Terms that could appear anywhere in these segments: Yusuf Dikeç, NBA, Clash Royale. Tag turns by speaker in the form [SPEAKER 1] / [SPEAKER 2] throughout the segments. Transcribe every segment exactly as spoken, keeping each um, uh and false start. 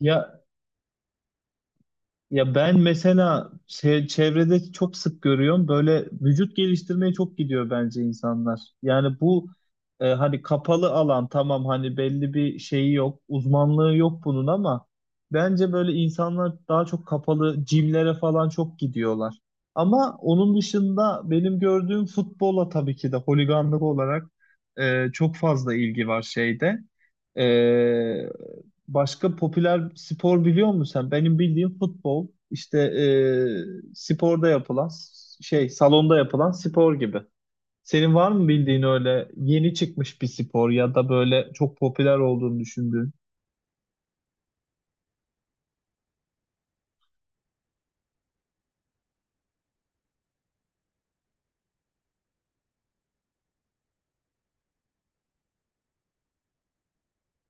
[SPEAKER 1] Ya Ya ben mesela çe- çevrede çok sık görüyorum, böyle vücut geliştirmeye çok gidiyor bence insanlar. Yani bu e, hani kapalı alan, tamam hani belli bir şeyi yok, uzmanlığı yok bunun, ama bence böyle insanlar daha çok kapalı jimlere falan çok gidiyorlar. Ama onun dışında benim gördüğüm futbola, tabii ki de holiganlık olarak e, çok fazla ilgi var şeyde. E, Başka popüler spor biliyor musun sen? Benim bildiğim futbol, işte e, sporda yapılan şey, salonda yapılan spor gibi. Senin var mı bildiğin öyle yeni çıkmış bir spor ya da böyle çok popüler olduğunu düşündüğün?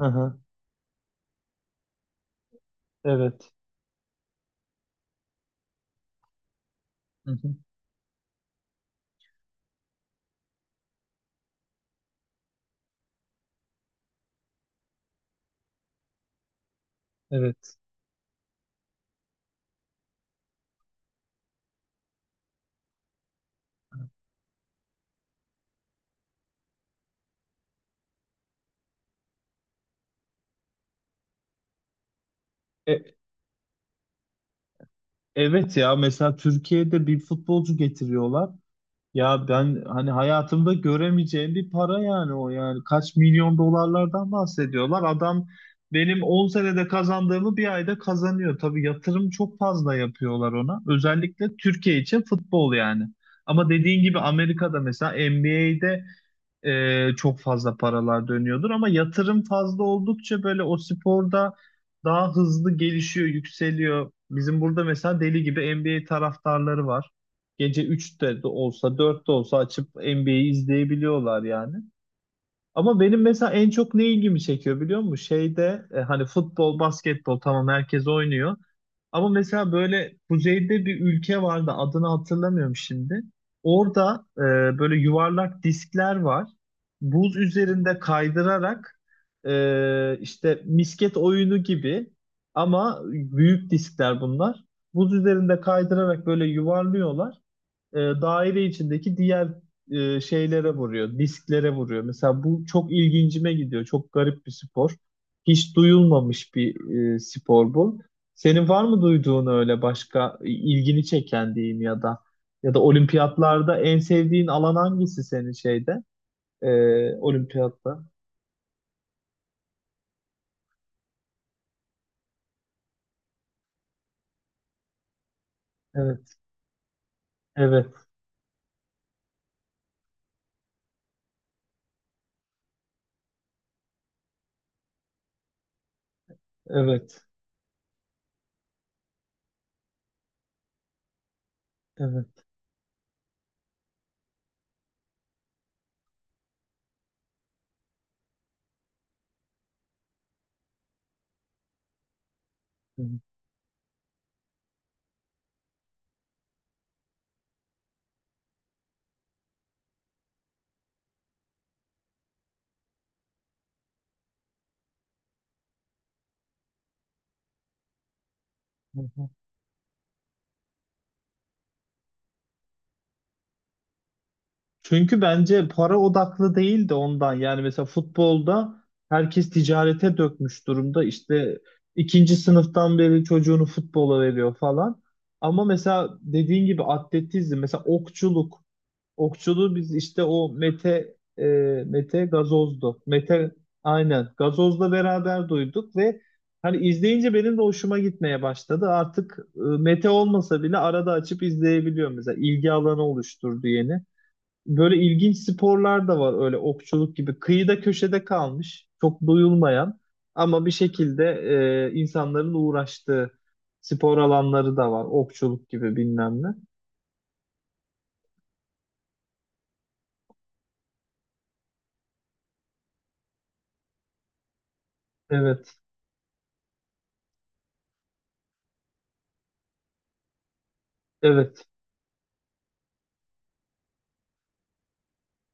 [SPEAKER 1] Hı hı, evet. Hı hı, evet. E, evet ya mesela Türkiye'de bir futbolcu getiriyorlar. Ya ben hani hayatımda göremeyeceğim bir para yani, o yani kaç milyon dolarlardan bahsediyorlar. Adam benim on senede kazandığımı bir ayda kazanıyor. Tabii yatırım çok fazla yapıyorlar ona. Özellikle Türkiye için futbol yani. Ama dediğin gibi Amerika'da mesela N B A'de e, çok fazla paralar dönüyordur, ama yatırım fazla oldukça böyle o sporda daha hızlı gelişiyor, yükseliyor. Bizim burada mesela deli gibi N B A taraftarları var. Gece üçte de olsa dörtte olsa açıp N B A'yi izleyebiliyorlar yani. Ama benim mesela en çok ne ilgimi çekiyor biliyor musun? Şeyde, e, hani futbol, basketbol tamam, herkes oynuyor. Ama mesela böyle kuzeyde bir ülke vardı, adını hatırlamıyorum şimdi. Orada e, böyle yuvarlak diskler var. Buz üzerinde kaydırarak, e, işte misket oyunu gibi ama büyük diskler bunlar. Buz üzerinde kaydırarak böyle yuvarlıyorlar, e, daire içindeki diğer e, şeylere vuruyor, disklere vuruyor. Mesela bu çok ilgincime gidiyor. Çok garip bir spor. Hiç duyulmamış bir e, spor bu. Senin var mı duyduğun öyle başka ilgini çeken, diyeyim, ya da ya da olimpiyatlarda en sevdiğin alan hangisi senin şeyde? E, Olimpiyatta. Evet, evet, evet, evet, evet. Çünkü bence para odaklı değil de ondan. Yani mesela futbolda herkes ticarete dökmüş durumda. İşte ikinci sınıftan beri çocuğunu futbola veriyor falan. Ama mesela dediğin gibi atletizm, mesela okçuluk. Okçuluğu biz işte o Mete e, Mete Gazoz'du. Mete, aynen, Gazoz'la beraber duyduk ve hani izleyince benim de hoşuma gitmeye başladı. Artık, e, Mete olmasa bile arada açıp izleyebiliyorum, mesela ilgi alanı oluşturdu yeni. Böyle ilginç sporlar da var öyle, okçuluk gibi. Kıyıda köşede kalmış, çok duyulmayan ama bir şekilde e, insanların uğraştığı spor alanları da var. Okçuluk gibi, bilmem ne. Evet, evet.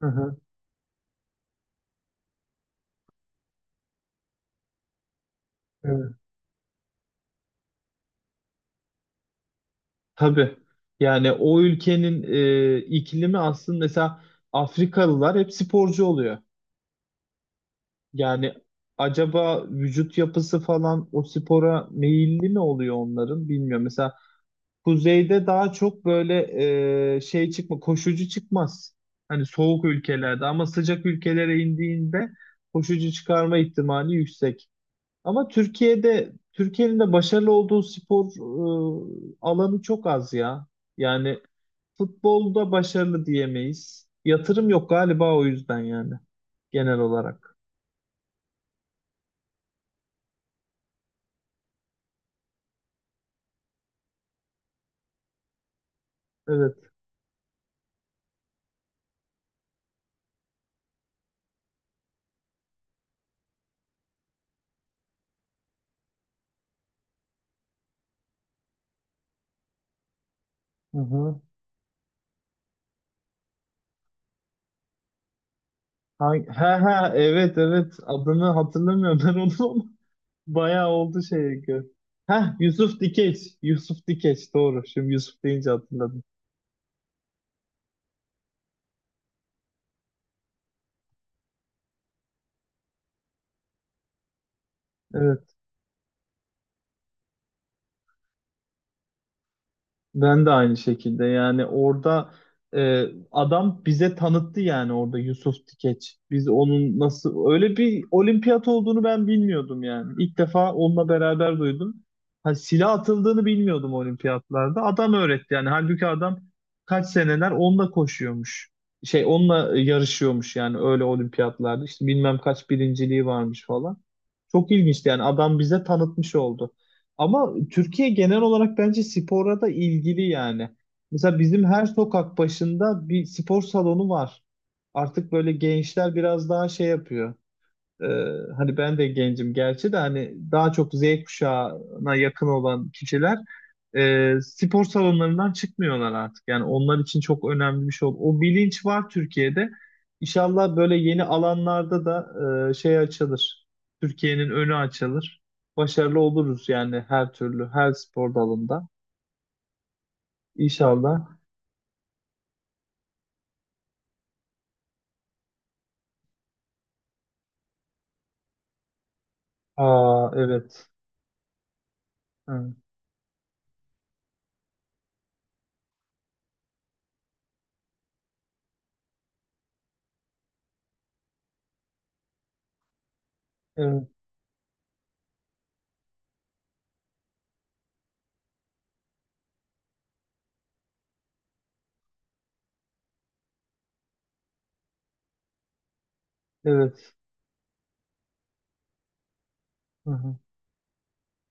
[SPEAKER 1] Hı hı, evet. Tabii. Yani o ülkenin e, iklimi aslında, mesela Afrikalılar hep sporcu oluyor. Yani acaba vücut yapısı falan o spora meyilli mi oluyor onların, bilmiyorum. Mesela kuzeyde daha çok böyle e, şey çıkma, koşucu çıkmaz. Hani soğuk ülkelerde, ama sıcak ülkelere indiğinde koşucu çıkarma ihtimali yüksek. Ama Türkiye'de Türkiye'nin de başarılı olduğu spor e, alanı çok az ya. Yani futbolda başarılı diyemeyiz. Yatırım yok galiba, o yüzden yani genel olarak. Evet. Hı hı. Ha, ha, ha, evet, evet, adını hatırlamıyorum ben onu. Bayağı oldu şey. Heh, Yusuf Dikeç. Yusuf Dikeç doğru. Şimdi Yusuf deyince hatırladım. Evet. Ben de aynı şekilde yani, orada e, adam bize tanıttı, yani orada Yusuf Tikeç. Biz onun nasıl öyle bir olimpiyat olduğunu ben bilmiyordum yani. İlk defa onunla beraber duydum. Ha, silah atıldığını bilmiyordum olimpiyatlarda. Adam öğretti yani. Halbuki adam kaç seneler onunla koşuyormuş. Şey, onunla yarışıyormuş yani öyle olimpiyatlarda. İşte bilmem kaç birinciliği varmış falan. Çok ilginçti yani, adam bize tanıtmış oldu. Ama Türkiye genel olarak bence spora da ilgili yani. Mesela bizim her sokak başında bir spor salonu var. Artık böyle gençler biraz daha şey yapıyor. Ee, Hani ben de gencim gerçi, de hani daha çok Z kuşağına yakın olan kişiler e, spor salonlarından çıkmıyorlar artık. Yani onlar için çok önemli bir şey oldu. O bilinç var Türkiye'de. İnşallah böyle yeni alanlarda da e, şey açılır. Türkiye'nin önü açılır. Başarılı oluruz yani her türlü, her spor dalında. İnşallah. Aa, evet. Ha, evet. Evet. Hı hı.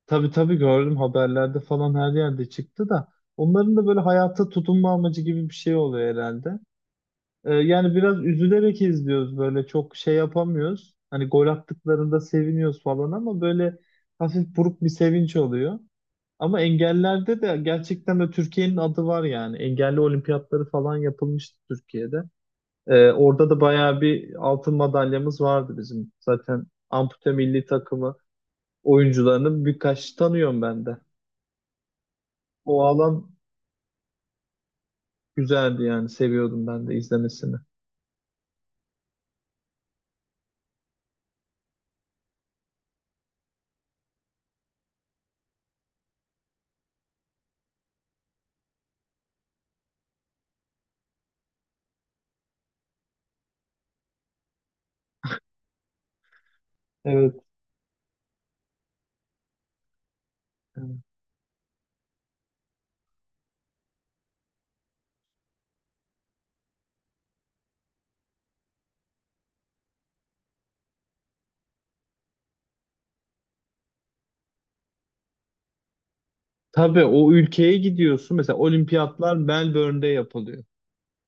[SPEAKER 1] Tabii tabii, gördüm haberlerde falan her yerde çıktı da, onların da böyle hayata tutunma amacı gibi bir şey oluyor herhalde. Ee, yani biraz üzülerek izliyoruz, böyle çok şey yapamıyoruz. Hani gol attıklarında seviniyoruz falan, ama böyle hafif buruk bir sevinç oluyor. Ama engellerde de gerçekten de Türkiye'nin adı var yani. Engelli olimpiyatları falan yapılmıştı Türkiye'de. Ee, orada da bayağı bir altın madalyamız vardı bizim. Zaten ampute milli takımı oyuncularını birkaç tanıyorum ben de. O alan güzeldi, yani seviyordum ben de izlemesini. Evet. Evet. Tabii o ülkeye gidiyorsun. Mesela olimpiyatlar Melbourne'de yapılıyor.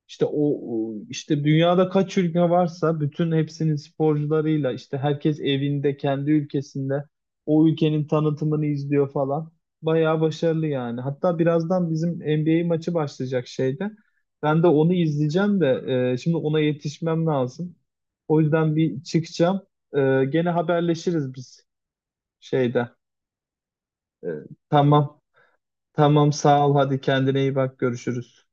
[SPEAKER 1] İşte o o- işte dünyada kaç ülke varsa bütün hepsinin sporcularıyla, işte herkes evinde, kendi ülkesinde o ülkenin tanıtımını izliyor falan. Bayağı başarılı yani. Hatta birazdan bizim N B A maçı başlayacak şeyde. Ben de onu izleyeceğim de, e, şimdi ona yetişmem lazım. O yüzden bir çıkacağım. E, gene haberleşiriz biz şeyde. E, tamam. Tamam, sağ ol. Hadi, kendine iyi bak. Görüşürüz.